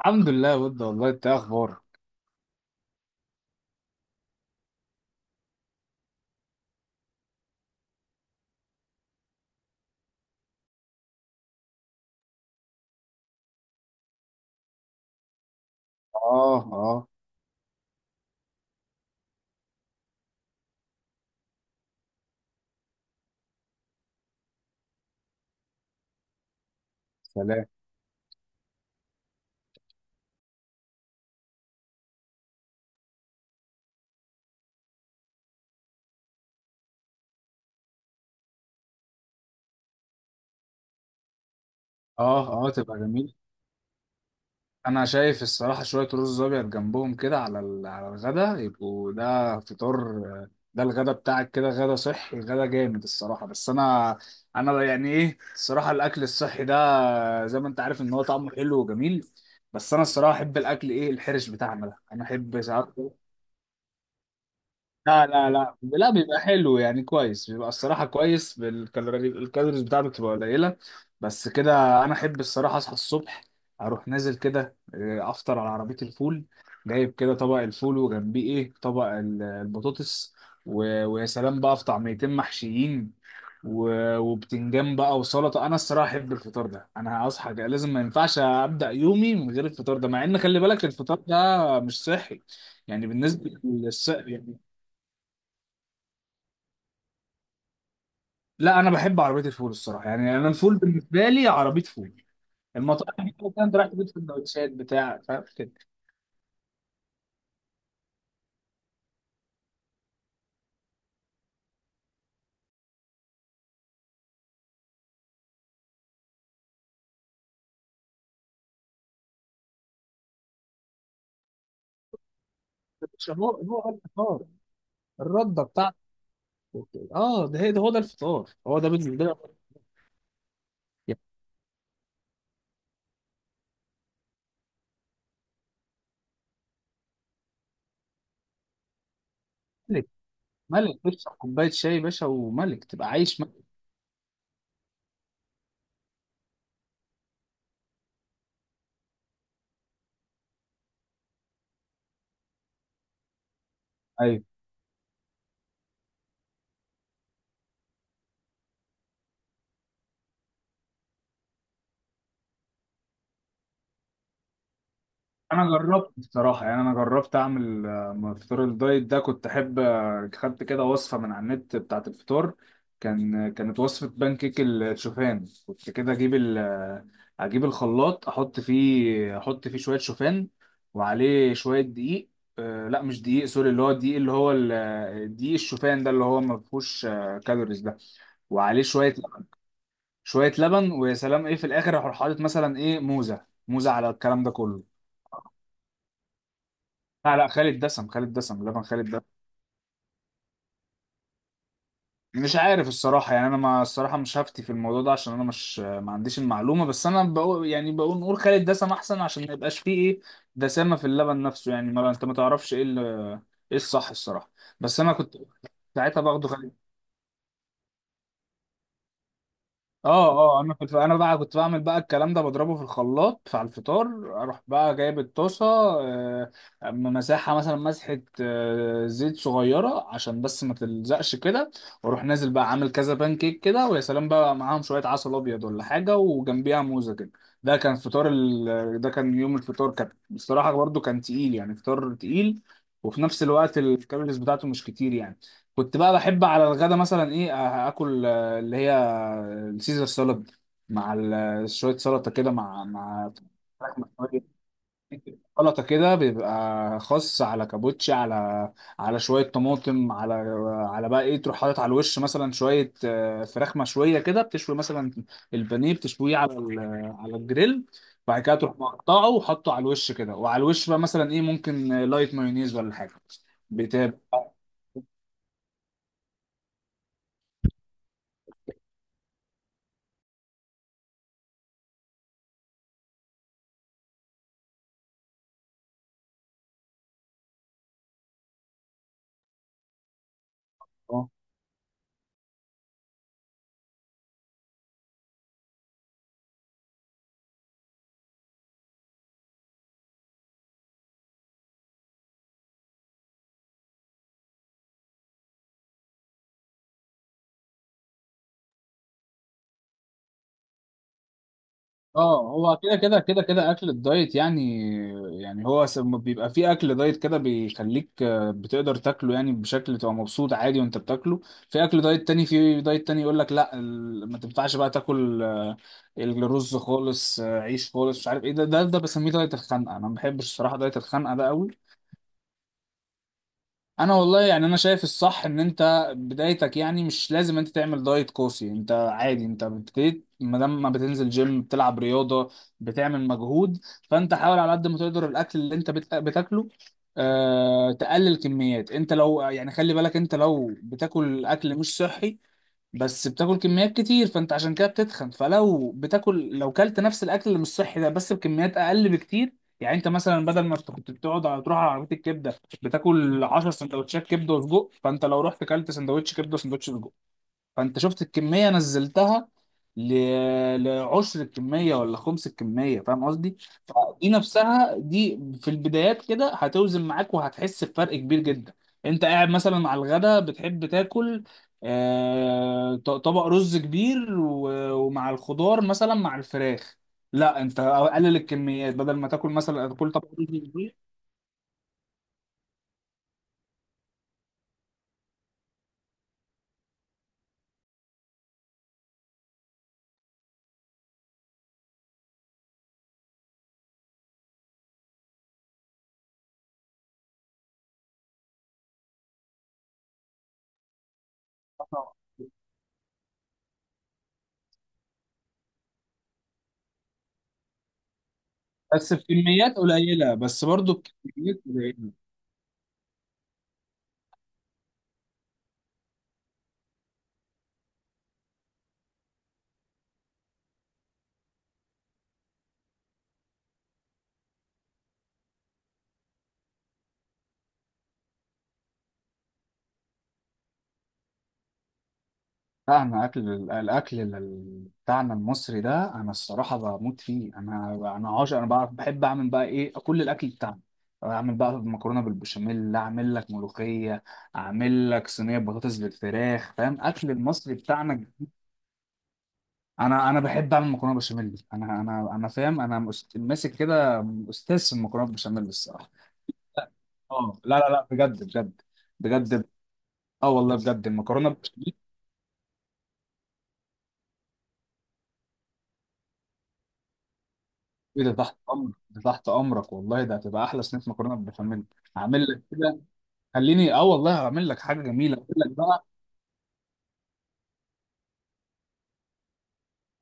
الحمد لله يا ود. والله انت ايه اخبارك؟ اه، اه. سلام. اه، اه، تبقى جميل. انا شايف الصراحه شويه رز ابيض جنبهم كده على الغدا، يبقوا ده فطار. ده الغدا بتاعك كده، غدا صحي، غدا جامد الصراحه. بس انا انا يعني ايه الصراحه الاكل الصحي ده، زي ما انت عارف ان هو طعمه حلو وجميل. بس انا الصراحه احب الاكل ايه، الحرش بتاعنا ده انا احب ساعات. لا لا لا لا، بيبقى حلو يعني، كويس، بيبقى الصراحة كويس، الكالوريز بتاعته بتبقى قليلة. بس كده أنا أحب الصراحة أصحى الصبح، أروح نازل كده، أفطر على عربية الفول. جايب كده طبق الفول وجنبيه إيه، طبق البطاطس، ويا سلام بقى، في طعميتين محشيين و- وبتنجان بقى وسلطة. أنا الصراحة أحب الفطار ده، أنا هصحى كده، لازم، ما ينفعش أبدأ يومي من غير الفطار ده، مع إن خلي بالك الفطار ده مش صحي. يعني بالنسبة للصحي، لا انا بحب عربيه الفول الصراحه، يعني انا الفول بالنسبه لي عربيه فول. المطاعم دي كده انت رايح تجيب سندوتشات بتاع، فاهم كده، مش هو هو ده الفطار، الرده بتاعته. اه، ده هي ده، هو ده الفطار، هو ده بالنسبه لي. يا ملك، ملك تشرب كوبايه شاي يا باشا، وملك تبقى عايش، ملك. انا جربت بصراحه، يعني انا جربت اعمل فطار الدايت ده، كنت احب، خدت كده وصفه من على النت بتاعه الفطار. كانت وصفه بانكيك الشوفان، كنت كده اجيب ال آه، اجيب الخلاط، احط فيه شويه شوفان، وعليه شويه دقيق. لا مش دقيق، سوري، اللي هو الدقيق اللي هو دقيق الشوفان ده، اللي هو ما فيهوش كالوريز ده، وعليه شويه لبن ويا سلام، ايه، في الاخر اروح حاطط مثلا ايه، موزه، موزه على الكلام ده كله. لا لا، خالد دسم، خالد دسم، لبن خالد دسم. مش عارف الصراحة، يعني أنا ما الصراحة مش هفتي في الموضوع ده عشان أنا مش، ما عنديش المعلومة. بس أنا بقول يعني، بقول نقول خالد دسم أحسن عشان ما يبقاش فيه إيه، دسامة في اللبن نفسه، يعني ما أنت ما تعرفش إيه إيه الصح الصراحة. بس أنا كنت ساعتها باخده خالد. اه، اه. انا كنت، انا بقى كنت بعمل بقى الكلام ده، بضربه في الخلاط على الفطار. اروح بقى جايب الطاسه، آه، مساحه مثلا، مسحه زيت صغيره، عشان بس ما تلزقش كده، واروح نازل بقى عامل كذا بان كيك كده، ويا سلام بقى، معاهم شويه عسل ابيض ولا حاجه، وجنبيها موزه كده. ده كان فطار ال... آه، ده كان يوم الفطار، كان بصراحه برضو كان تقيل، يعني فطار تقيل، وفي نفس الوقت الكالوريز بتاعته مش كتير يعني. كنت بقى بحب على الغدا مثلا ايه، اكل اللي هي السيزر سالاد، مع شوية سلطة كده، مع فراخ مشوية. سلطة كده بيبقى خاص، على كابوتشي، على شوية طماطم، على، على بقى ايه، تروح حاطط على الوش مثلا شوية فراخ مشوية كده، بتشوي مثلا البانيه، بتشويه على على الجريل، بعد كده تروح مقطعه وحطه على الوش كده، وعلى الوش بقى مثلا ايه، ممكن لايت مايونيز ولا حاجة. بتبقى اه، هو كده كده كده كده اكل الدايت يعني، يعني هو بيبقى فيه اكل دايت كده بيخليك بتقدر تاكله يعني، بشكل تبقى مبسوط عادي وانت بتاكله. في اكل دايت تاني، في دايت تاني يقول لك لا ما تنفعش بقى تاكل الرز خالص، عيش خالص، مش عارف ايه، ده ده ده بسميه دايت الخنقه. انا ما بحبش الصراحه دايت الخنقه ده قوي. انا والله يعني، انا شايف الصح ان انت بدايتك يعني مش لازم انت تعمل دايت قاسي. انت عادي، انت بتبتدي، ما دام ما بتنزل جيم، بتلعب رياضه، بتعمل مجهود، فانت حاول على قد ما تقدر الاكل اللي انت بتاكله، تقلل كميات. انت لو، يعني خلي بالك، انت لو بتاكل اكل مش صحي بس بتاكل كميات كتير، فانت عشان كده بتتخن. فلو بتاكل، لو كلت نفس الاكل اللي مش صحي ده بس بكميات اقل بكتير، يعني انت مثلا بدل ما كنت بتقعد على، تروح على عربيه الكبده، بتاكل 10 سندوتشات كبده وسجق، فانت لو رحت كلت سندوتش كبده وسندوتش سجق، فانت شفت الكميه نزلتها ل... لعشر الكميه، ولا خمس الكميه، فاهم قصدي؟ فدي نفسها دي في البدايات كده هتوزن معاك، وهتحس بفرق كبير جدا. انت قاعد مثلا على الغدا بتحب تاكل طبق رز كبير و... ومع الخضار مثلا، مع الفراخ، لا، انت قلل الكميات، بدل ما تاكل مثلا تاكل طبق رز كبير، بس في كميات قليله، بس برضو الكميات قليله. لا انا اكل الاكل بتاعنا المصري ده انا الصراحه بموت فيه. انا انا عاشق، انا بعرف، بحب اعمل بقى ايه كل الاكل بتاعنا. اعمل بقى مكرونه بالبشاميل، اعمل لك ملوخيه، اعمل لك صينيه بطاطس بالفراخ، فاهم، اكل المصري بتاعنا. انا انا بحب اعمل مكرونه بشاميل. انا فاهم انا، ماسك كده استاذ في المكرونه بالبشاميل الصراحه. اه، لا لا لا، بجد، بجد، بجد. اه والله بجد المكرونه. ايه ده، تحت امرك، ده تحت امرك والله، ده هتبقى احلى صينيه مكرونه بالبشاميل. هعمل لك كده، خليني، اه والله هعمل لك حاجه جميله، اقول لك بقى.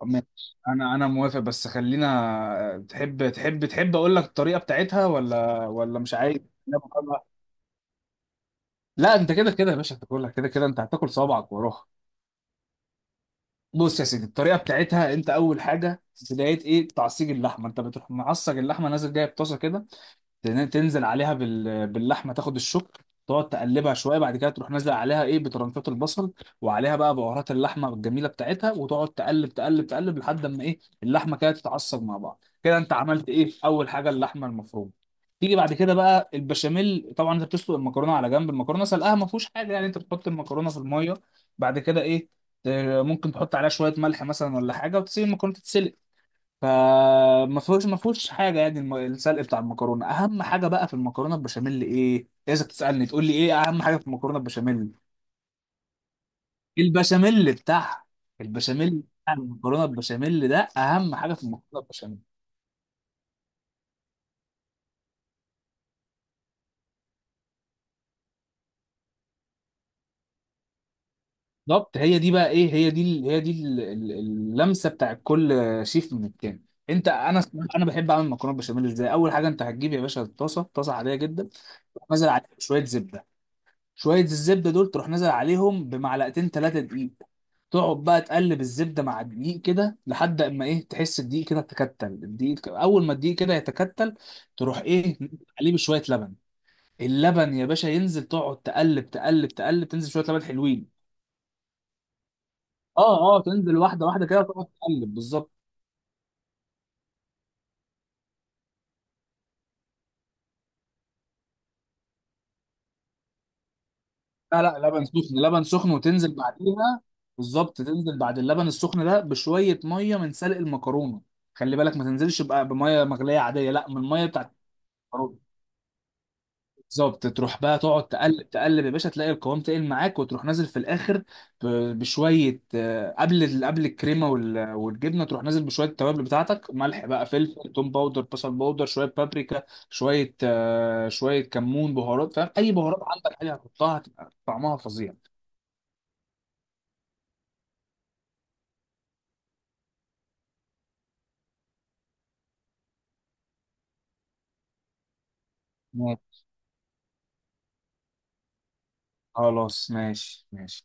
ماشي، انا موافق، بس خلينا، تحب اقول لك الطريقه بتاعتها ولا مش عايز؟ لا انت كده كده يا باشا هتاكلها، كده كده انت هتاكل صوابعك وراها. بص يا سيدي الطريقه بتاعتها، انت اول حاجه بدايه ايه، تعصيج اللحمه. انت بتروح معصج اللحمه، نازل جايب طاسه كده، تنزل عليها باللحمه، تاخد الشوك، تقعد تقلبها شويه، بعد كده تروح نازل عليها ايه، بترنفات البصل، وعليها بقى بهارات اللحمه الجميله بتاعتها، وتقعد تقلب تقلب تقلب، لحد ما ايه اللحمه كده تتعصب مع بعض كده. انت عملت ايه اول حاجه، اللحمه المفرومه. تيجي بعد كده بقى البشاميل، طبعا انت بتسلق المكرونه على جنب. المكرونه سلقها ما فيهوش حاجه يعني، انت بتحط المكرونه في الميه، بعد كده ايه، ت- ممكن تحط عليها شويه ملح مثلا ولا حاجه، وتسيب المكرونه تتسلق. فما فيهوش، ما فيهوش حاجه يعني، السلق بتاع المكرونه. اهم حاجه بقى في المكرونه البشاميل ايه، إيه اذا بتسالني تقول لي ايه اهم حاجه في المكرونه البشاميل؟ البشاميل بتاعها، البشاميل بتاع المكرونه، البشاميل ده اهم حاجه في المكرونه البشاميل. بالظبط، هي دي بقى ايه، هي دي اللمسه بتاع كل شيف من التاني. انت انا انا بحب اعمل مكرونه بشاميل ازاي، اول حاجه انت هتجيب يا باشا الطاسه، طاسه عاديه جدا، تروح نازل عليها شويه زبده. شويه الزبده دول تروح نازل عليهم بمعلقتين ثلاثه دقيق، تقعد بقى تقلب الزبده مع الدقيق كده لحد اما ايه، تحس الدقيق كده تكتل الدقيق. اول ما الدقيق كده يتكتل، تروح ايه عليه بشويه لبن. اللبن يا باشا ينزل تقعد تقلب تقلب تقلب، تنزل شويه لبن حلوين. اه، اه، تنزل واحده واحده كده، تقعد تقلب بالظبط. لا لا، لبن سخن، لبن سخن، وتنزل بعديها. بالظبط، تنزل بعد اللبن السخن ده بشويه ميه من سلق المكرونه. خلي بالك ما تنزلش بقى بميه مغليه عاديه، لا، من الميه بتاعت. بالظبط، تروح بقى تقعد تقلب تقلب يا باشا، تلاقي القوام تقل معاك، وتروح نازل في الاخر ب- بشويه، قبل قبل الكريمه وال- والجبنه، تروح نازل بشويه التوابل بتاعتك، ملح بقى، فلفل، توم باودر، بصل باودر، شويه بابريكا، شويه كمون، بهارات، فاهم، اي بهارات عندك حاجه هتحطها هتبقى طعمها فظيع. ماشي. خلاص، ماشي ماشي.